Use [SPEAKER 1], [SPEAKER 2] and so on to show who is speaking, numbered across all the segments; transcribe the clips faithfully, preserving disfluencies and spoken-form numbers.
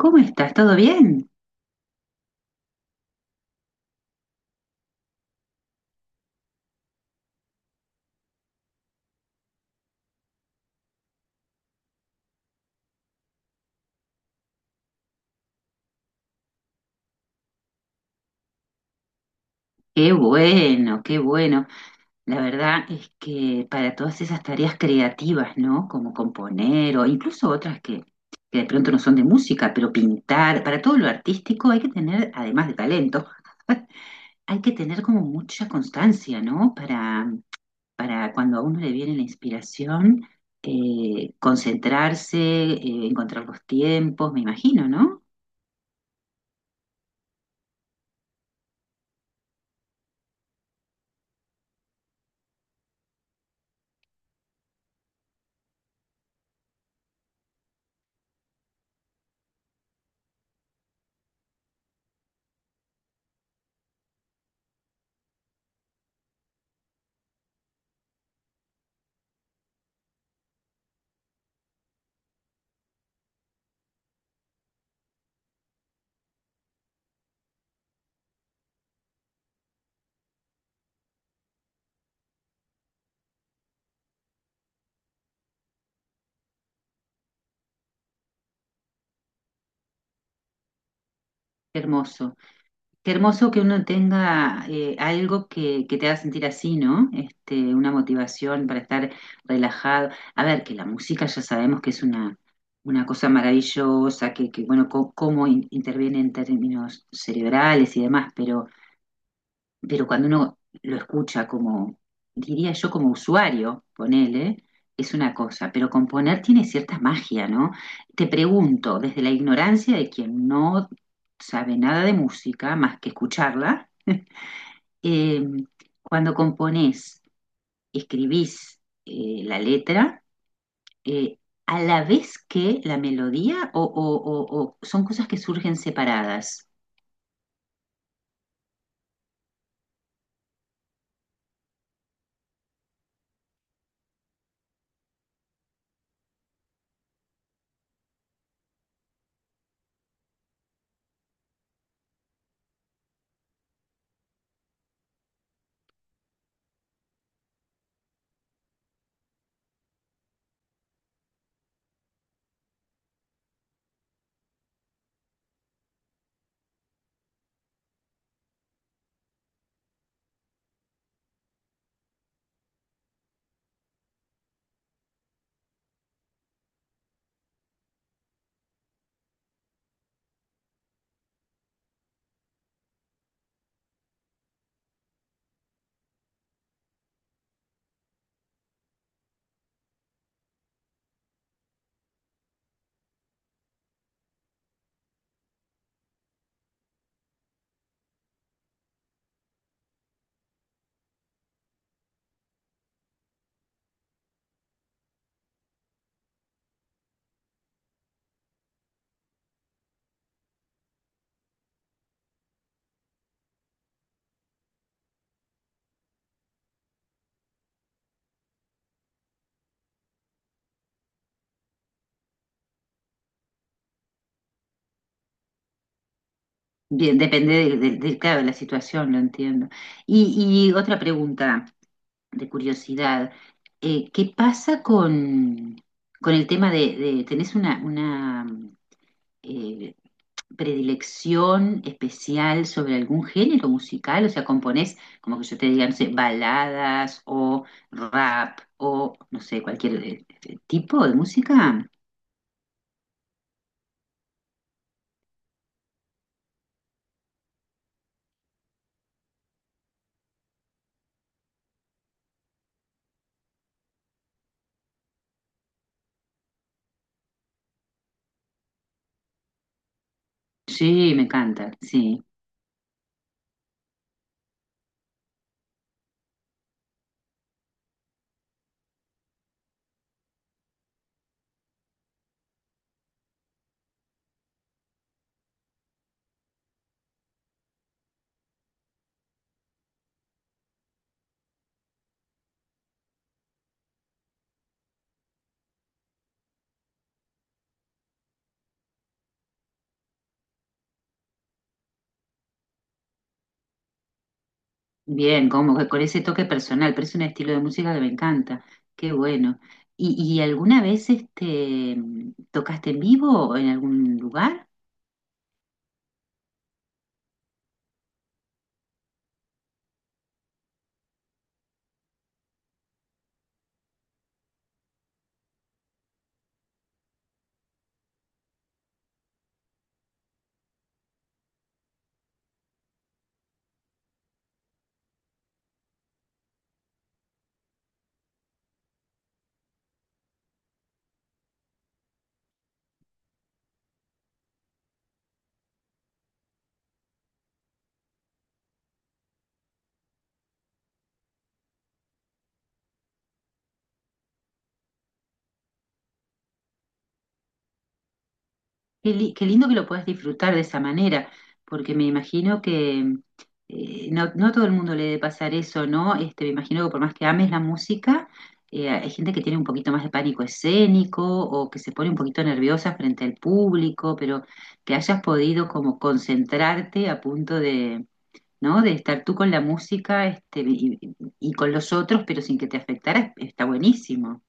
[SPEAKER 1] ¿Cómo estás? ¿Todo bien? Qué bueno, qué bueno. La verdad es que para todas esas tareas creativas, ¿no? Como componer o incluso otras que, que de pronto no son de música, pero pintar, para todo lo artístico hay que tener, además de talento, hay que tener como mucha constancia, ¿no? Para, para cuando a uno le viene la inspiración, eh, concentrarse, eh, encontrar los tiempos, me imagino, ¿no? Qué hermoso. Qué hermoso que uno tenga eh, algo que, que te haga sentir así, ¿no? Este, una motivación para estar relajado. A ver, que la música ya sabemos que es una, una cosa maravillosa, que, que bueno, co- cómo in- interviene en términos cerebrales y demás, pero pero cuando uno lo escucha como, diría yo como usuario, ponele, es una cosa, pero componer tiene cierta magia, ¿no? Te pregunto, desde la ignorancia de quien no sabe nada de música más que escucharla, eh, cuando componés, escribís eh, la letra, eh, a la vez que la melodía o, o- o- o son cosas que surgen separadas. Bien, depende del, del- del- claro, de la situación, lo entiendo. Y, y otra pregunta de curiosidad, eh, ¿qué pasa con, con el tema de, de- tenés una, una eh, predilección especial sobre algún género musical? O sea, componés, como que yo te diga, no sé, baladas o rap o, no sé, cualquier eh, eh, tipo de música. Sí, me encanta, sí. Bien, como que con ese toque personal, pero es un estilo de música que me encanta. Qué bueno. ¿Y, y alguna vez este, tocaste en vivo o en algún lugar? Qué, li- qué lindo que lo puedas disfrutar de esa manera, porque me imagino que eh, no, no a todo el mundo le debe pasar eso, ¿no? Este, me imagino que por más que ames la música, eh, hay gente que tiene un poquito más de pánico escénico o que se pone un poquito nerviosa frente al público, pero que hayas podido como concentrarte a punto de ¿no? De estar tú con la música este, y, y con los otros, pero sin que te afectara, está buenísimo.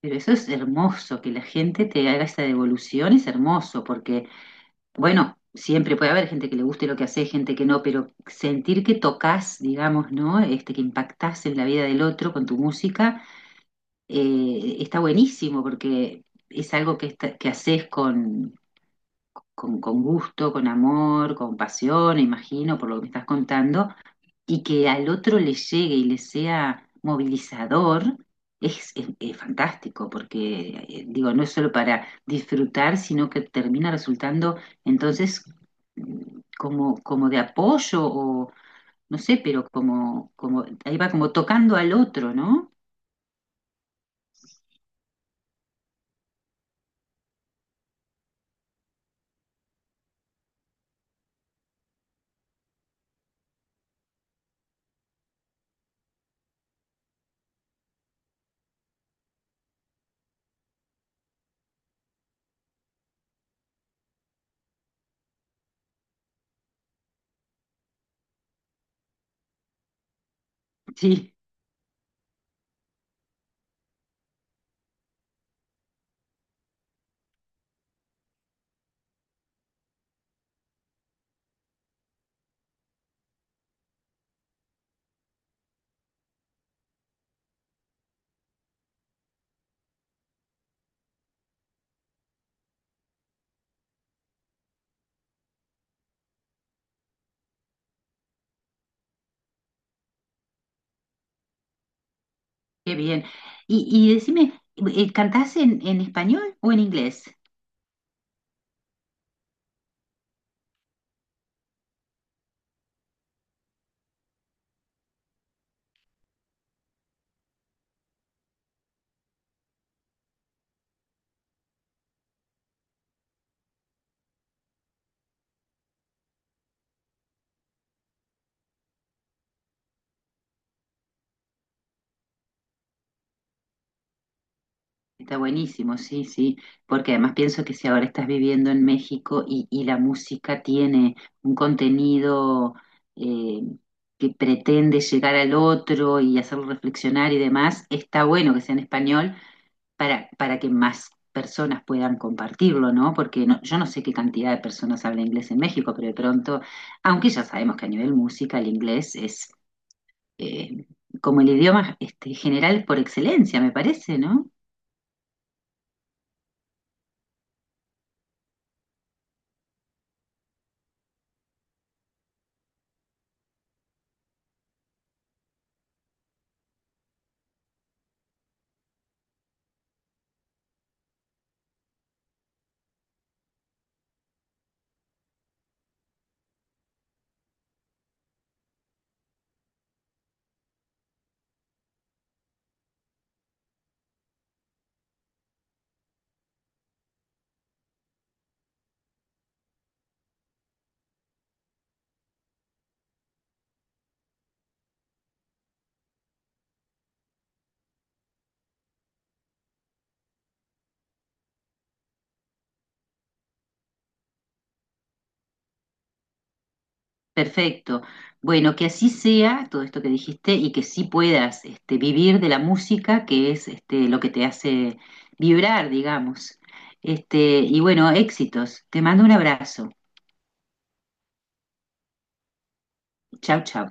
[SPEAKER 1] Pero eso es hermoso, que la gente te haga esa devolución es hermoso, porque, bueno, siempre puede haber gente que le guste lo que hace, gente que no, pero sentir que tocas, digamos, ¿no? Este, que impactás en la vida del otro con tu música, eh, está buenísimo, porque es algo que, está- que haces con, con, con gusto, con amor, con pasión, imagino, por lo que me estás contando y que al otro le llegue y le sea movilizador, es, es- es fantástico, porque, eh, digo, no es solo para disfrutar, sino que termina resultando entonces mm, como, como de apoyo o no sé, pero como, como, ahí va como tocando al otro, ¿no? Sí, qué bien. Y, y decime, eh, ¿cantás en, en español o en inglés? Está buenísimo, sí, sí, porque además pienso que si ahora estás viviendo en México y, y la música tiene un contenido eh, que pretende llegar al otro y hacerlo reflexionar y demás, está bueno que sea en español para, para que más personas puedan compartirlo, ¿no? Porque no, yo no sé qué cantidad de personas habla inglés en México, pero de pronto, aunque ya sabemos que a nivel música el inglés es eh, como el idioma este, general por excelencia, me parece, ¿no? Perfecto. Bueno, que así sea todo esto que dijiste y que sí puedas este, vivir de la música, que es este, lo que te hace vibrar, digamos. Este, y bueno, éxitos. Te mando un abrazo. Chau, chau.